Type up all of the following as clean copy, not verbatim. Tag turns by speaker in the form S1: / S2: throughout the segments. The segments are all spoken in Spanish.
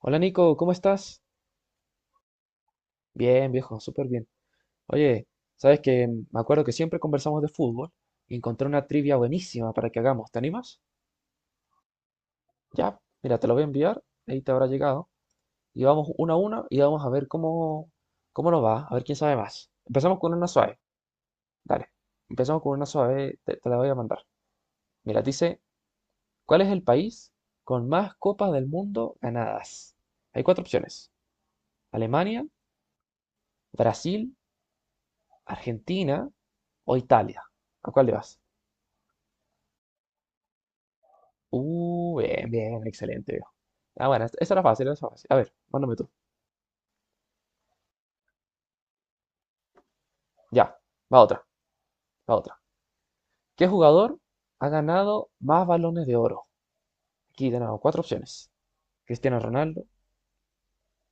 S1: Hola Nico, ¿cómo estás? Bien, viejo, súper bien. Oye, sabes que me acuerdo que siempre conversamos de fútbol y encontré una trivia buenísima para que hagamos. ¿Te animas? Ya, mira, te lo voy a enviar, ahí te habrá llegado. Y vamos uno a uno y vamos a ver cómo nos va, a ver quién sabe más. Empezamos con una suave. Dale, empezamos con una suave, te la voy a mandar. Mira, dice, ¿cuál es el país con más copas del mundo ganadas? Hay cuatro opciones. Alemania, Brasil, Argentina o Italia. ¿A cuál le vas? Bien, bien, excelente, viejo. Ah, bueno, esa era fácil, esa era fácil. A ver, mándame tú. Ya, va otra, va otra. ¿Qué jugador ha ganado más balones de oro? Aquí tenemos cuatro opciones. Cristiano Ronaldo,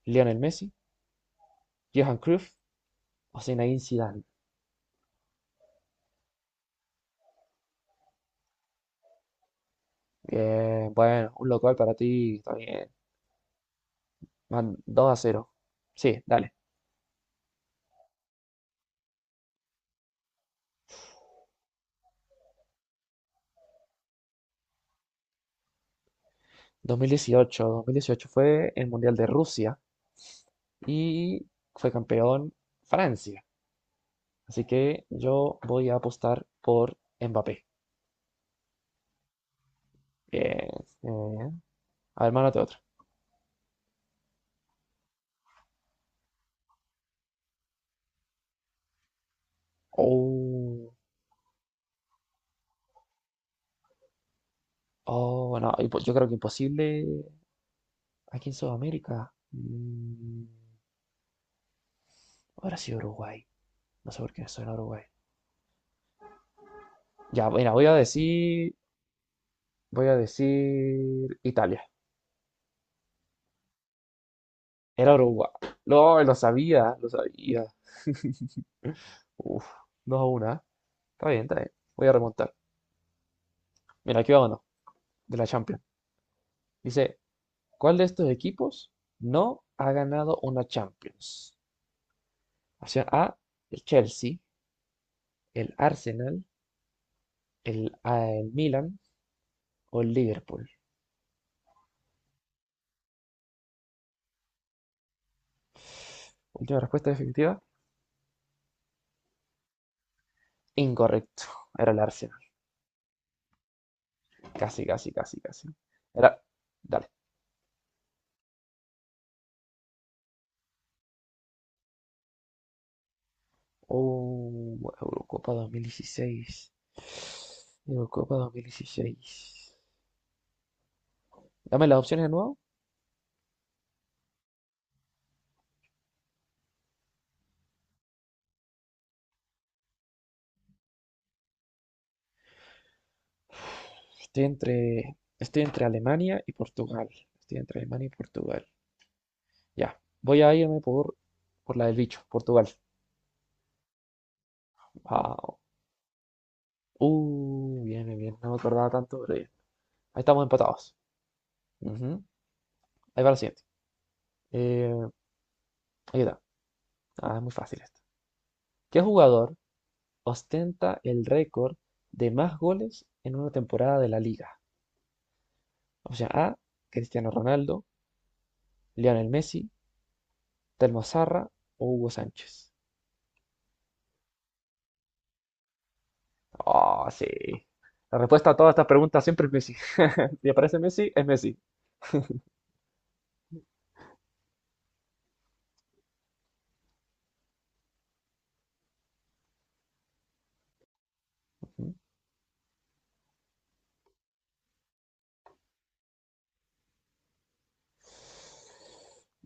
S1: Lionel Messi, Johan Cruyff o Zinedine Zidane. Bien, bueno, un local para ti, está bien. Van 2-0. Sí, dale. 2018, 2018 fue el Mundial de Rusia y fue campeón Francia. Así que yo voy a apostar por Mbappé. Bien, bien. A ver, mándate otra. Oh, oh, no, yo creo que imposible aquí en Sudamérica. Ahora sí Uruguay. No sé por qué me suena Uruguay. Ya, mira, voy a decir Italia. Era Uruguay. No, lo sabía, lo sabía. Uf, dos a 1, ¿eh? Está bien, está bien. Voy a remontar. Mira, aquí va uno, de la Champions. Dice, ¿cuál de estos equipos no ha ganado una Champions? Opción A, el Chelsea, el Arsenal, el Milan o el Liverpool. Última respuesta definitiva. Incorrecto. Era el Arsenal. Casi, casi, casi, casi. Era. Dale. Oh, Eurocopa 2016. Eurocopa 2016. Dame las opciones de nuevo. Estoy entre Alemania y Portugal. Estoy entre Alemania y Portugal. Ya, voy a irme por la del bicho, Portugal. Wow. Bien, bien, bien. No me acordaba tanto, pero bien. Ahí estamos empatados. Ujú. Ahí va la siguiente. Eh, ahí está. Ah, es muy fácil esto. ¿Qué jugador ostenta el récord de más goles en una temporada de la liga? O sea, A, Cristiano Ronaldo, Lionel Messi, Telmo Zarra o Hugo Sánchez. Oh, sí. La respuesta a todas estas preguntas siempre es Messi. Si aparece Messi, es Messi.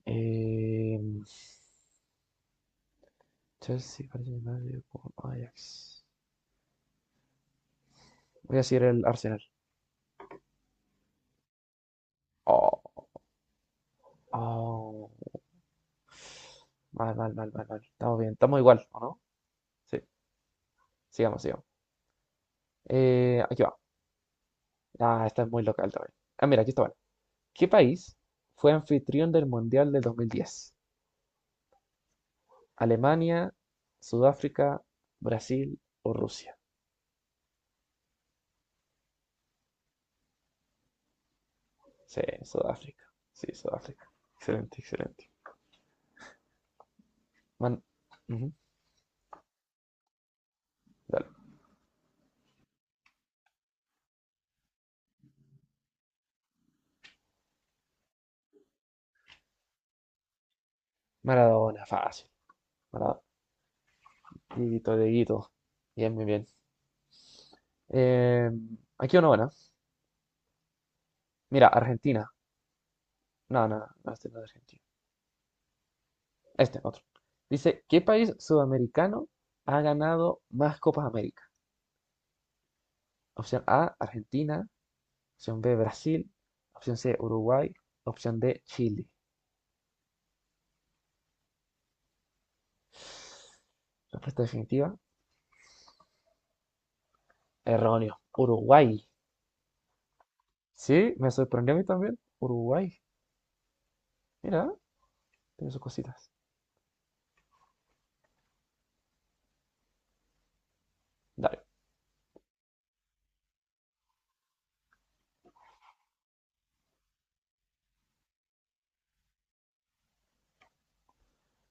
S1: Eh, Chelsea parece más con Ajax. Voy a seguir el Arsenal. Oh, oh, mal, mal, mal, mal, mal. Estamos bien, estamos igual, ¿o no? Sí, sigamos, sigamos. Aquí va. Ah, esta es muy local también. Ah, mira, aquí está bueno. ¿Qué país fue anfitrión del Mundial del 2010? ¿Alemania, Sudáfrica, Brasil o Rusia? Sí, Sudáfrica. Sí, Sudáfrica. Excelente, excelente. Man- Ujú, dale. Maradona, fácil. Para Dieguito, Dieguito. Bien, muy bien. Eh, aquí una buena. Mira, Argentina. No, no, no, no, este no es de Argentina. Este, otro. Dice, ¿qué país sudamericano ha ganado más Copas América? Opción A, Argentina. Opción B, Brasil. Opción C, Uruguay. Opción D, Chile. Respuesta definitiva, erróneo. Uruguay. Sí, me sorprendió a mí también. Uruguay. Mira, tiene sus cositas. Dale.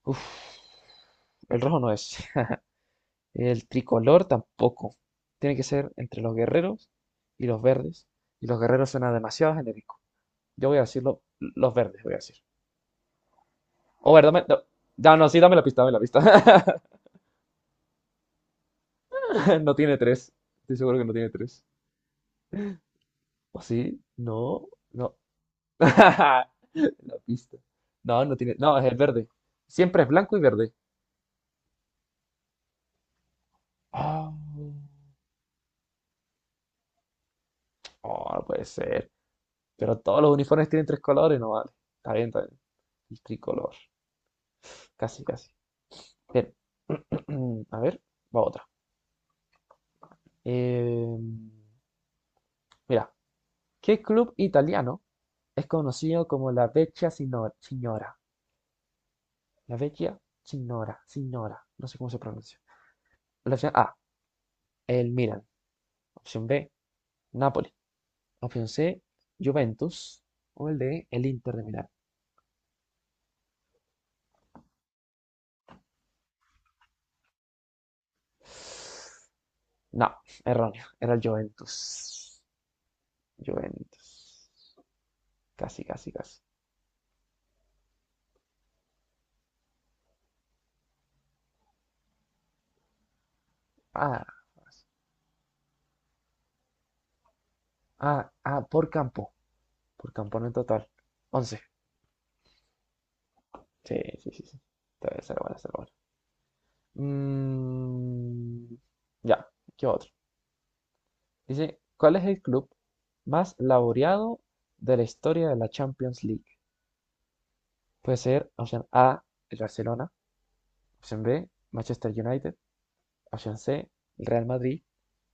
S1: Uf, el rojo no es. El tricolor tampoco. Tiene que ser entre los guerreros y los verdes. Y los guerreros suena demasiado genérico. Yo voy a decirlo, los verdes, voy a decir. O ver, dame. No, no, no, sí, dame la pista, dame la pista. No tiene tres. Estoy seguro que no tiene tres. ¿O sí? No, no. La pista. No, no tiene. No, es el verde. Siempre es blanco y verde. Ah, oh, no puede ser. Pero todos los uniformes tienen tres colores, no vale. Está bien, está bien. El tricolor. Casi, casi. Bien. A ver, va otra. Eh, mira, ¿qué club italiano es conocido como la Vecchia Signora? La Vecchia Signora, Signora, no sé cómo se pronuncia. La opción A, el Milan. Opción B, Napoli. Opción C, Juventus. O el D, el Inter de Milán. No, erróneo, era el Juventus. Juventus. Casi, casi, casi. Ah, ah, ah, por campo. Por campana en total. 11. Sí, sí, sí, sí. Está bien, será bueno, será bueno. Mm, ya, ¿qué otro? Dice, ¿cuál es el club más laureado de la historia de la Champions League? Puede ser opción A, el Barcelona, opción B, Manchester United, opción C, el Real Madrid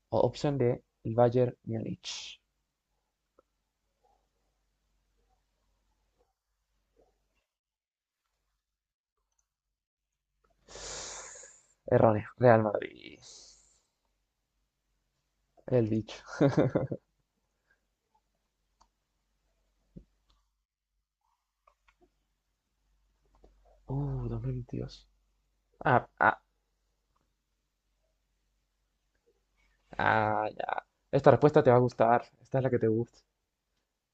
S1: o opción D, el Bayern Múnich. Erróneo, Real Madrid. El bicho. 2022. Ah, ah, ah, ya. Esta respuesta te va a gustar. Esta es la que te gusta.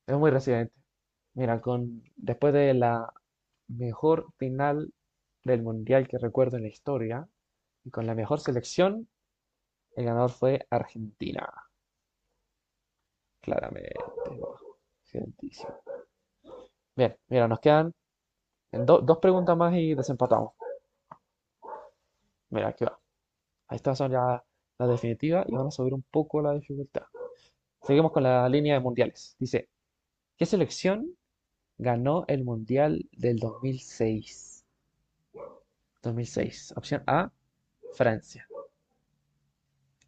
S1: Es muy reciente. Mira, con después de la mejor final del mundial que recuerdo en la historia y con la mejor selección, el ganador fue Argentina, claramente. Argentísimo. Bien, mira, nos quedan dos preguntas más y desempatamos. Mira, aquí va. Estas son ya las definitivas y van a subir un poco la dificultad. Seguimos con la línea de mundiales. Dice, ¿qué selección ganó el Mundial del 2006? 2006. Opción A, Francia.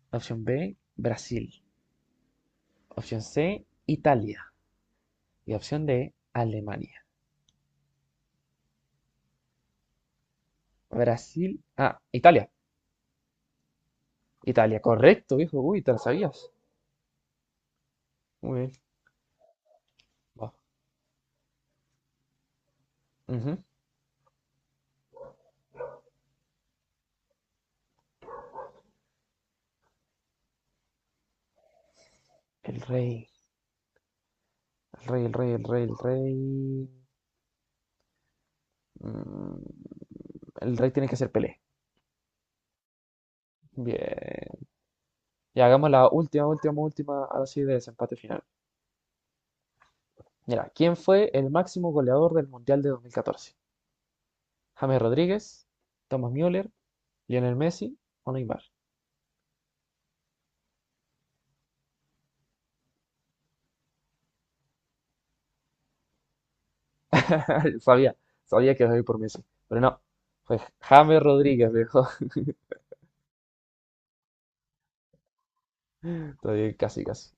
S1: Opción B, Brasil. Opción C, Italia. Y opción D, Alemania. Brasil. Ah, Italia. Italia, correcto, viejo. Uy, te la sabías. Muy bien. Va. Ujú. El rey. El rey, el rey, el rey, el rey. Mm, el rey tiene que ser Pelé. Bien. Y hagamos la última, última, última, así de desempate final. Mira, ¿quién fue el máximo goleador del Mundial de 2014? James Rodríguez, Thomas Müller, Lionel Messi o Neymar. Sabía, sabía que iba a ir por Messi, pero no, fue James Rodríguez, viejo. Estoy casi, casi.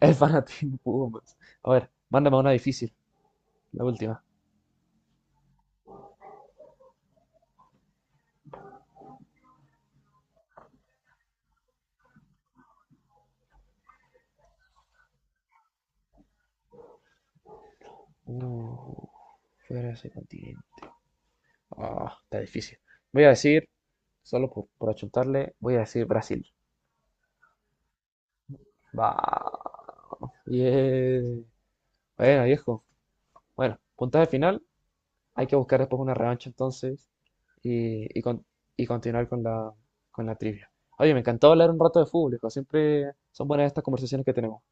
S1: El fanatismo pudo más. A ver, mándame una difícil, la última. Uh, fuera de ese continente. Ah, está difícil. Voy a decir, solo por achuntarle, voy a decir Brasil. Va. Bien. Bueno, viejo. Bueno, puntaje final. Hay que buscar después una revancha entonces y y continuar con la trivia. Oye, me encantó hablar un rato de fútbol, hijo. Siempre son buenas estas conversaciones que tenemos.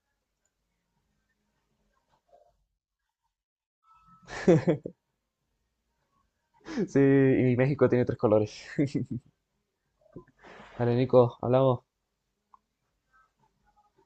S1: Sí, y México tiene tres colores. Vale, Nico, hablamos.